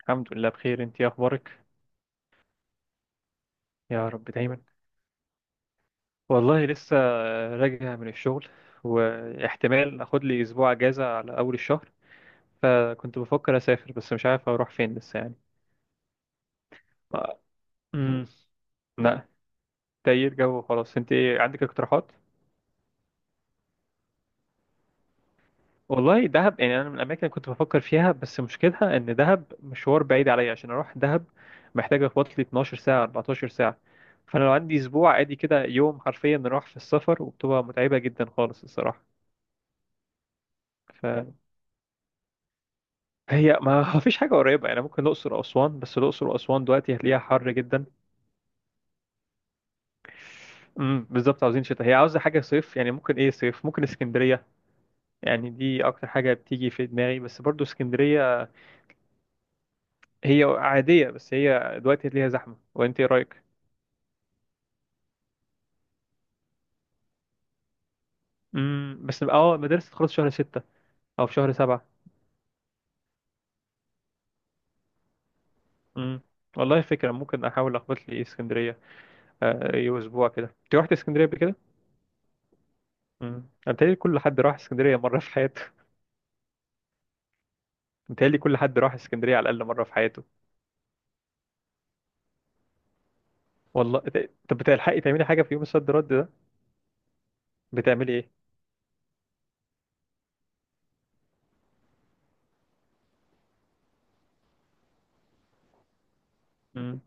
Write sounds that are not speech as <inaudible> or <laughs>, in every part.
الحمد لله بخير، انت ايه اخبارك؟ يا رب دايما. والله لسه راجع من الشغل، واحتمال اخد لي اسبوع اجازة على اول الشهر. فكنت بفكر اسافر، بس مش عارف اروح فين لسه يعني. امم لا. تغيير جو وخلاص. انت ايه عندك اقتراحات؟ والله دهب، يعني انا من الاماكن اللي كنت بفكر فيها، بس مشكلتها ان دهب مشوار بعيد عليا عشان اروح دهب. محتاج اخبط لي 12 ساعة 14 ساعة. فانا لو عندي اسبوع عادي كده يوم حرفيا نروح في السفر، وبتبقى متعبة جدا خالص الصراحة. ف هي ما <laughs> فيش حاجة قريبة، يعني ممكن الأقصر وأسوان، بس الأقصر وأسوان دلوقتي هتلاقيها حر جدا. بالظبط، عاوزين شتاء. هي عاوزة حاجة صيف، يعني ممكن إيه صيف، ممكن اسكندرية. يعني دي أكتر حاجة بتيجي في دماغي، بس برضو اسكندرية. هي عادية، بس هي دلوقتي هتلاقيها زحمة. وأنت إيه رأيك؟ بس اه المدارس تخلص شهر 6 أو في شهر 7. امم والله فكرة، ممكن أحاول أخبط لي اسكندرية. آه، أي أسبوع كده. أنت رحت اسكندرية قبل كده؟ امم أنا بيتهيألي كل حد راح اسكندرية مرة في حياته. متهيألي كل حد راح اسكندرية على الأقل مرة في حياته. والله طب بتلحقي تعملي حاجة في يوم الصد رد ده؟ بتعملي ايه؟ مم.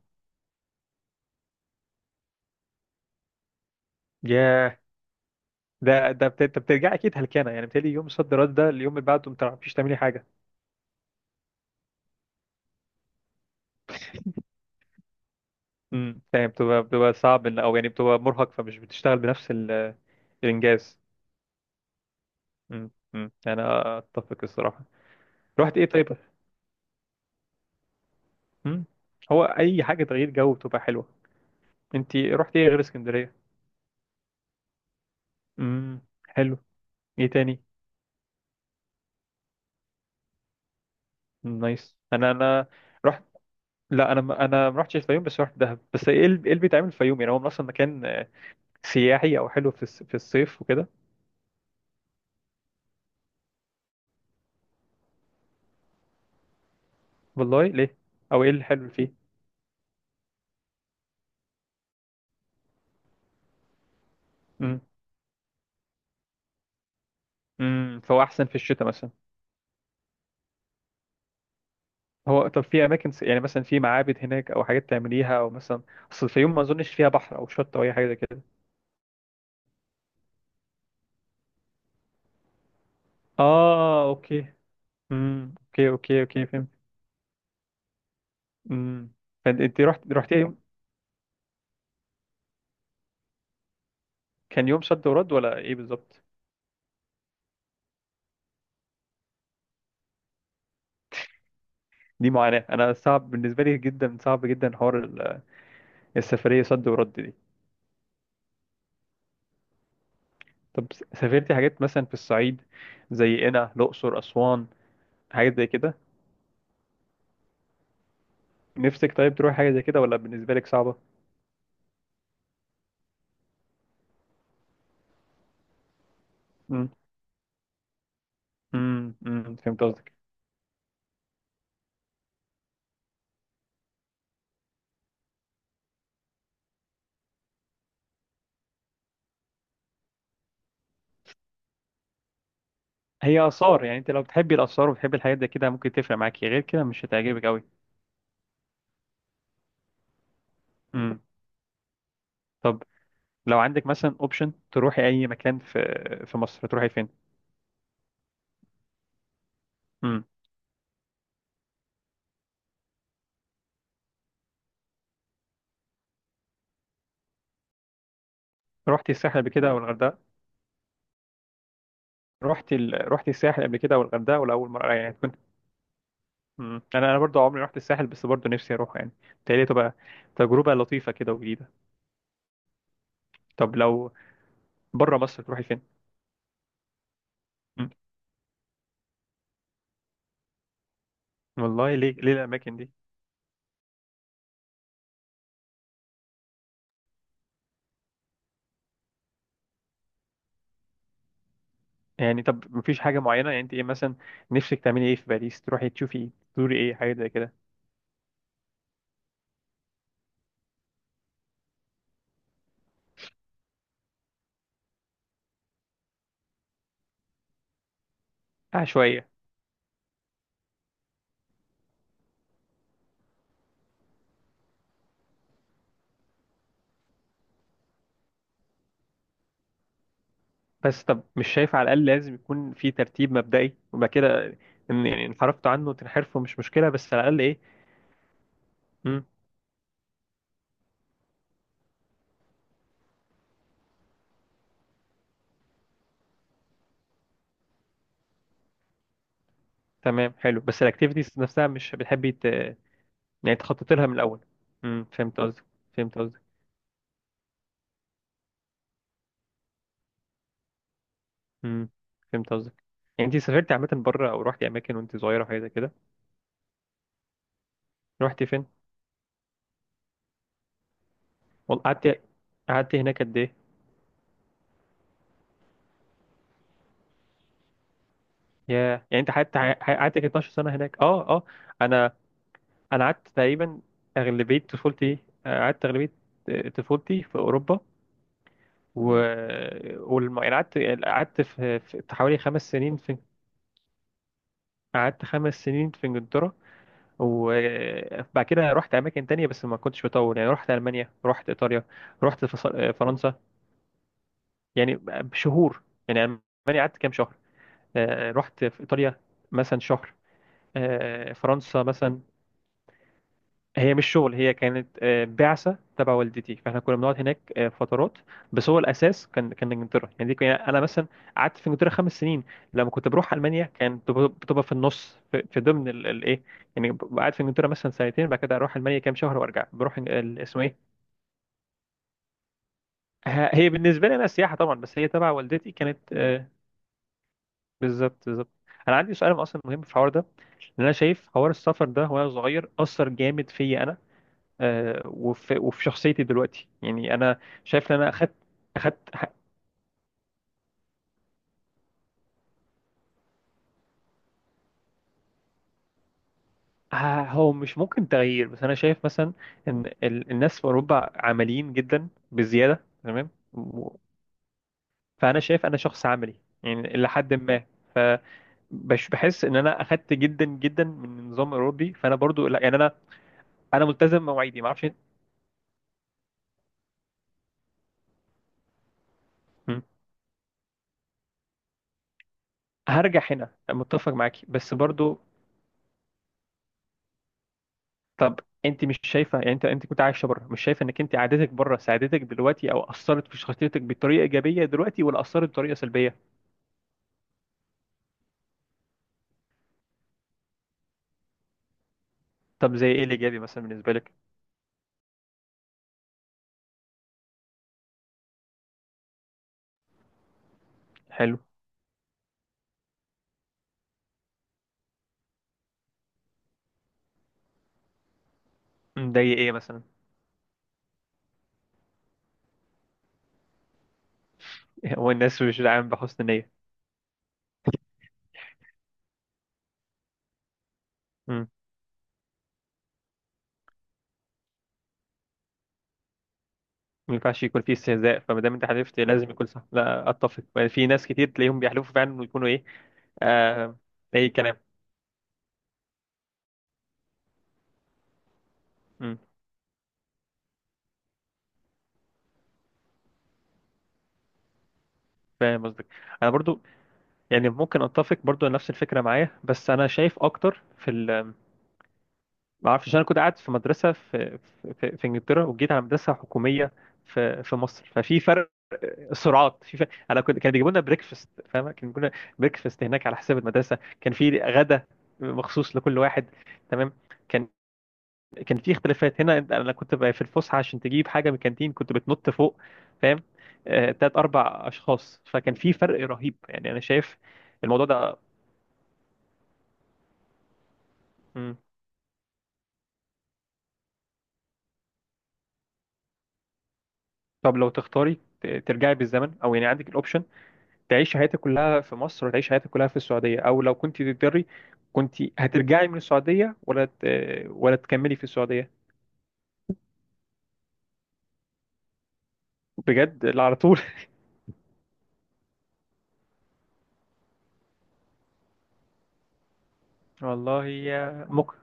ياه. انت بترجعي اكيد هلكانة، يعني بتهيألي يوم الصد رد ده اليوم اللي بعده ما بتعرفيش تعملي حاجة. مم. يعني بتبقى صعب او يعني بتبقى مرهق فمش بتشتغل بنفس الانجاز. مم. مم. يعني أنا اتفق الصراحة. رحت ايه طيب؟ مم. هو اي حاجة تغيير جو بتبقى حلوة. انت رحت ايه غير اسكندرية؟ مم. حلو. ايه تاني؟ نايس. انا رحت. لا انا ما رحتش الفيوم، بس رحت دهب. بس ايه اللي إيه اللي بيتعمل في الفيوم، يعني هو اصلا مكان سياحي او حلو في في الصيف وكده؟ والله ليه؟ او ايه الحلو اللي فيه؟ امم فهو احسن في الشتاء مثلا. هو طب في اماكن يعني مثلا في معابد هناك او حاجات تعمليها او مثلا اصل الفيوم ما اظنش فيها بحر او شط او اي حاجه زي كده؟ اه اوكي. اوكي اوكي اوكي فهمت. امم فانت رحت يوم. كان يوم صد ورد ولا ايه بالظبط؟ دي معاناه. انا صعب بالنسبه لي جدا، صعب جدا حوار السفريه صد ورد دي. طب سافرتي حاجات مثلا في الصعيد، زي قنا الأقصر أسوان، حاجات زي كده؟ نفسك طيب تروحي حاجة زي كده ولا بالنسبة لك صعبة؟ امم أمم، فهمت قصدك. هي آثار، يعني انت لو بتحبي الآثار وبتحبي الحاجات زي كده ممكن تفرق معاكي، غير كده مش هتعجبك قوي. امم طب لو عندك مثلا اوبشن تروحي اي مكان في مصر، تروحي فين؟ امم رحتي الساحل قبل كده او الغردقة؟ رحتي الساحل قبل كده او الغردقة ولا اول مرة يعني تكون؟ انا برضه عمري رحت الساحل، بس برضه نفسي اروح يعني. بتهيألي تبقى تجربة لطيفة كده وجديدة. طب لو بره مصر تروحي فين؟ مم. والله ليه الاماكن دي؟ يعني طب مفيش حاجه معينه، يعني انت ايه مثلا نفسك تعملي ايه في باريس، تروحي تشوفي ايه، تزوري ايه، حاجه زي كده؟ عشوائيه؟ بس طب مش شايفه على الاقل لازم يكون في ترتيب مبدئي وبعد كده يعني انحرفت عنه وتنحرفه مش مشكله بس على الاقل ايه؟ مم. تمام حلو، بس الاكتيفيتيز نفسها مش بتحبي يعني تخططي لها من الاول؟ مم. فهمت قصدك. فهمت قصدك. مم. فهمت قصدك. يعني انت سافرتي عامه بره او رحتي اماكن وانت صغيره حاجه زي كده؟ رحتي فين؟ والله قعدت هناك قد ايه؟ يا، يعني انت قعدت 12 سنه هناك. اه اه. انا انا قعدت تقريبا اغلبيه طفولتي. قعدت اغلبيه طفولتي في اوروبا. و يعني قعدت في حوالي 5 سنين في. قعدت 5 سنين في انجلترا. وبعد كده رحت اماكن تانية بس ما كنتش بطول، يعني رحت المانيا رحت ايطاليا رحت فرنسا. يعني بشهور. يعني المانيا قعدت كام شهر. رحت في ايطاليا مثلا شهر. فرنسا مثلا. هي مش شغل، هي كانت بعثة تبع والدتي، فاحنا كنا بنقعد هناك فترات. بس هو الأساس كان إنجلترا، يعني دي كان أنا مثلا قعدت في إنجلترا 5 سنين. لما كنت بروح ألمانيا كان بتبقى في النص في ضمن الإيه. يعني ببقى قاعد في إنجلترا مثلا سنتين، بعد كده أروح ألمانيا كام شهر، وأرجع بروح اسمه إيه. هي بالنسبة لي أنا سياحة طبعا، بس هي تبع والدتي كانت بالظبط بالظبط. أنا عندي سؤال أصلا مهم في الحوار ده، لأن أنا شايف حوار السفر ده وأنا صغير أثر جامد فيا أنا. وفي شخصيتي دلوقتي، يعني انا شايف ان انا اخدت ه- هو مش ممكن تغيير، بس انا شايف مثلا ان الناس في اوروبا عمليين جدا بزياده، تمام فانا شايف انا شخص عملي، يعني الى حد ما. فبش بحس ان انا اخدت جدا جدا من النظام الاوروبي، فانا برضو لا يعني انا ملتزم بمواعيدي، ما اعرفش. هرجع هنا، متفق معاكي، بس برضو. طب انت مش شايفه، يعني انت كنت عايشه بره، مش شايفه انك انت عادتك بره ساعدتك دلوقتي او اثرت في شخصيتك بطريقه ايجابيه دلوقتي، ولا اثرت بطريقه سلبيه؟ طب زي ايه الايجابي مثلا بالنسبه لك؟ حلو. مضايق ايه مثلا؟ <laughs> هو الناس مش داعم بحسن نيه؟ امم ما ينفعش يكون فيه استهزاء، فما دام انت حلفت لازم يكون صح. لا اتفق، يعني في ناس كتير تلاقيهم بيحلفوا فعلا، ويكونوا ايه؟ آه. اي كلام. امم فاهم قصدك. انا برضو، يعني ممكن اتفق برضو على نفس الفكره معايا، بس انا شايف اكتر في ما اعرفش. انا كنت قاعد في مدرسه في في انجلترا، وجيت على مدرسه حكوميه في مصر، ففي فرق سرعات، في فرق. انا كنت كان بيجيبوا لنا بريكفاست، فاهمه؟ كان بيجيبوا لنا بريكفاست هناك على حساب المدرسه. كان في غدا مخصوص لكل واحد. تمام. كان كان في اختلافات. هنا انا كنت بقى في الفسحه عشان تجيب حاجه من الكانتين كنت بتنط فوق، فاهم؟ تلات اربع اشخاص. فكان في فرق رهيب، يعني انا شايف الموضوع ده. مم. طب لو تختاري ترجعي بالزمن، او يعني عندك الاوبشن تعيش حياتك كلها في مصر وتعيش حياتك كلها في السعودية، أو لو كنت تقدري كنت هترجعي من السعودية ولا تكملي في السعودية؟ بجد؟ لا، على طول. <laughs> والله يا ممكن.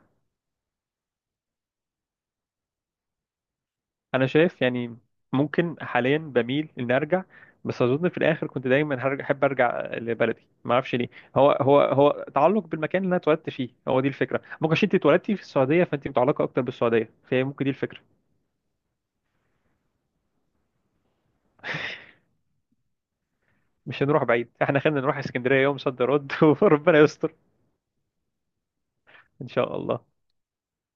أنا شايف، يعني ممكن حاليا بميل إن أرجع، بس أظن في الآخر كنت دايما هرجع، أحب أرجع لبلدي، ما أعرفش ليه. هو تعلق بالمكان اللي أنا اتولدت فيه، هو دي الفكرة، ممكن عشان أنت اتولدتي في السعودية فأنت متعلقة أكتر بالسعودية، فهي ممكن دي الفكرة. مش هنروح بعيد، إحنا خلينا نروح اسكندرية يوم صد رد <laughs> وربنا يستر. إن شاء الله.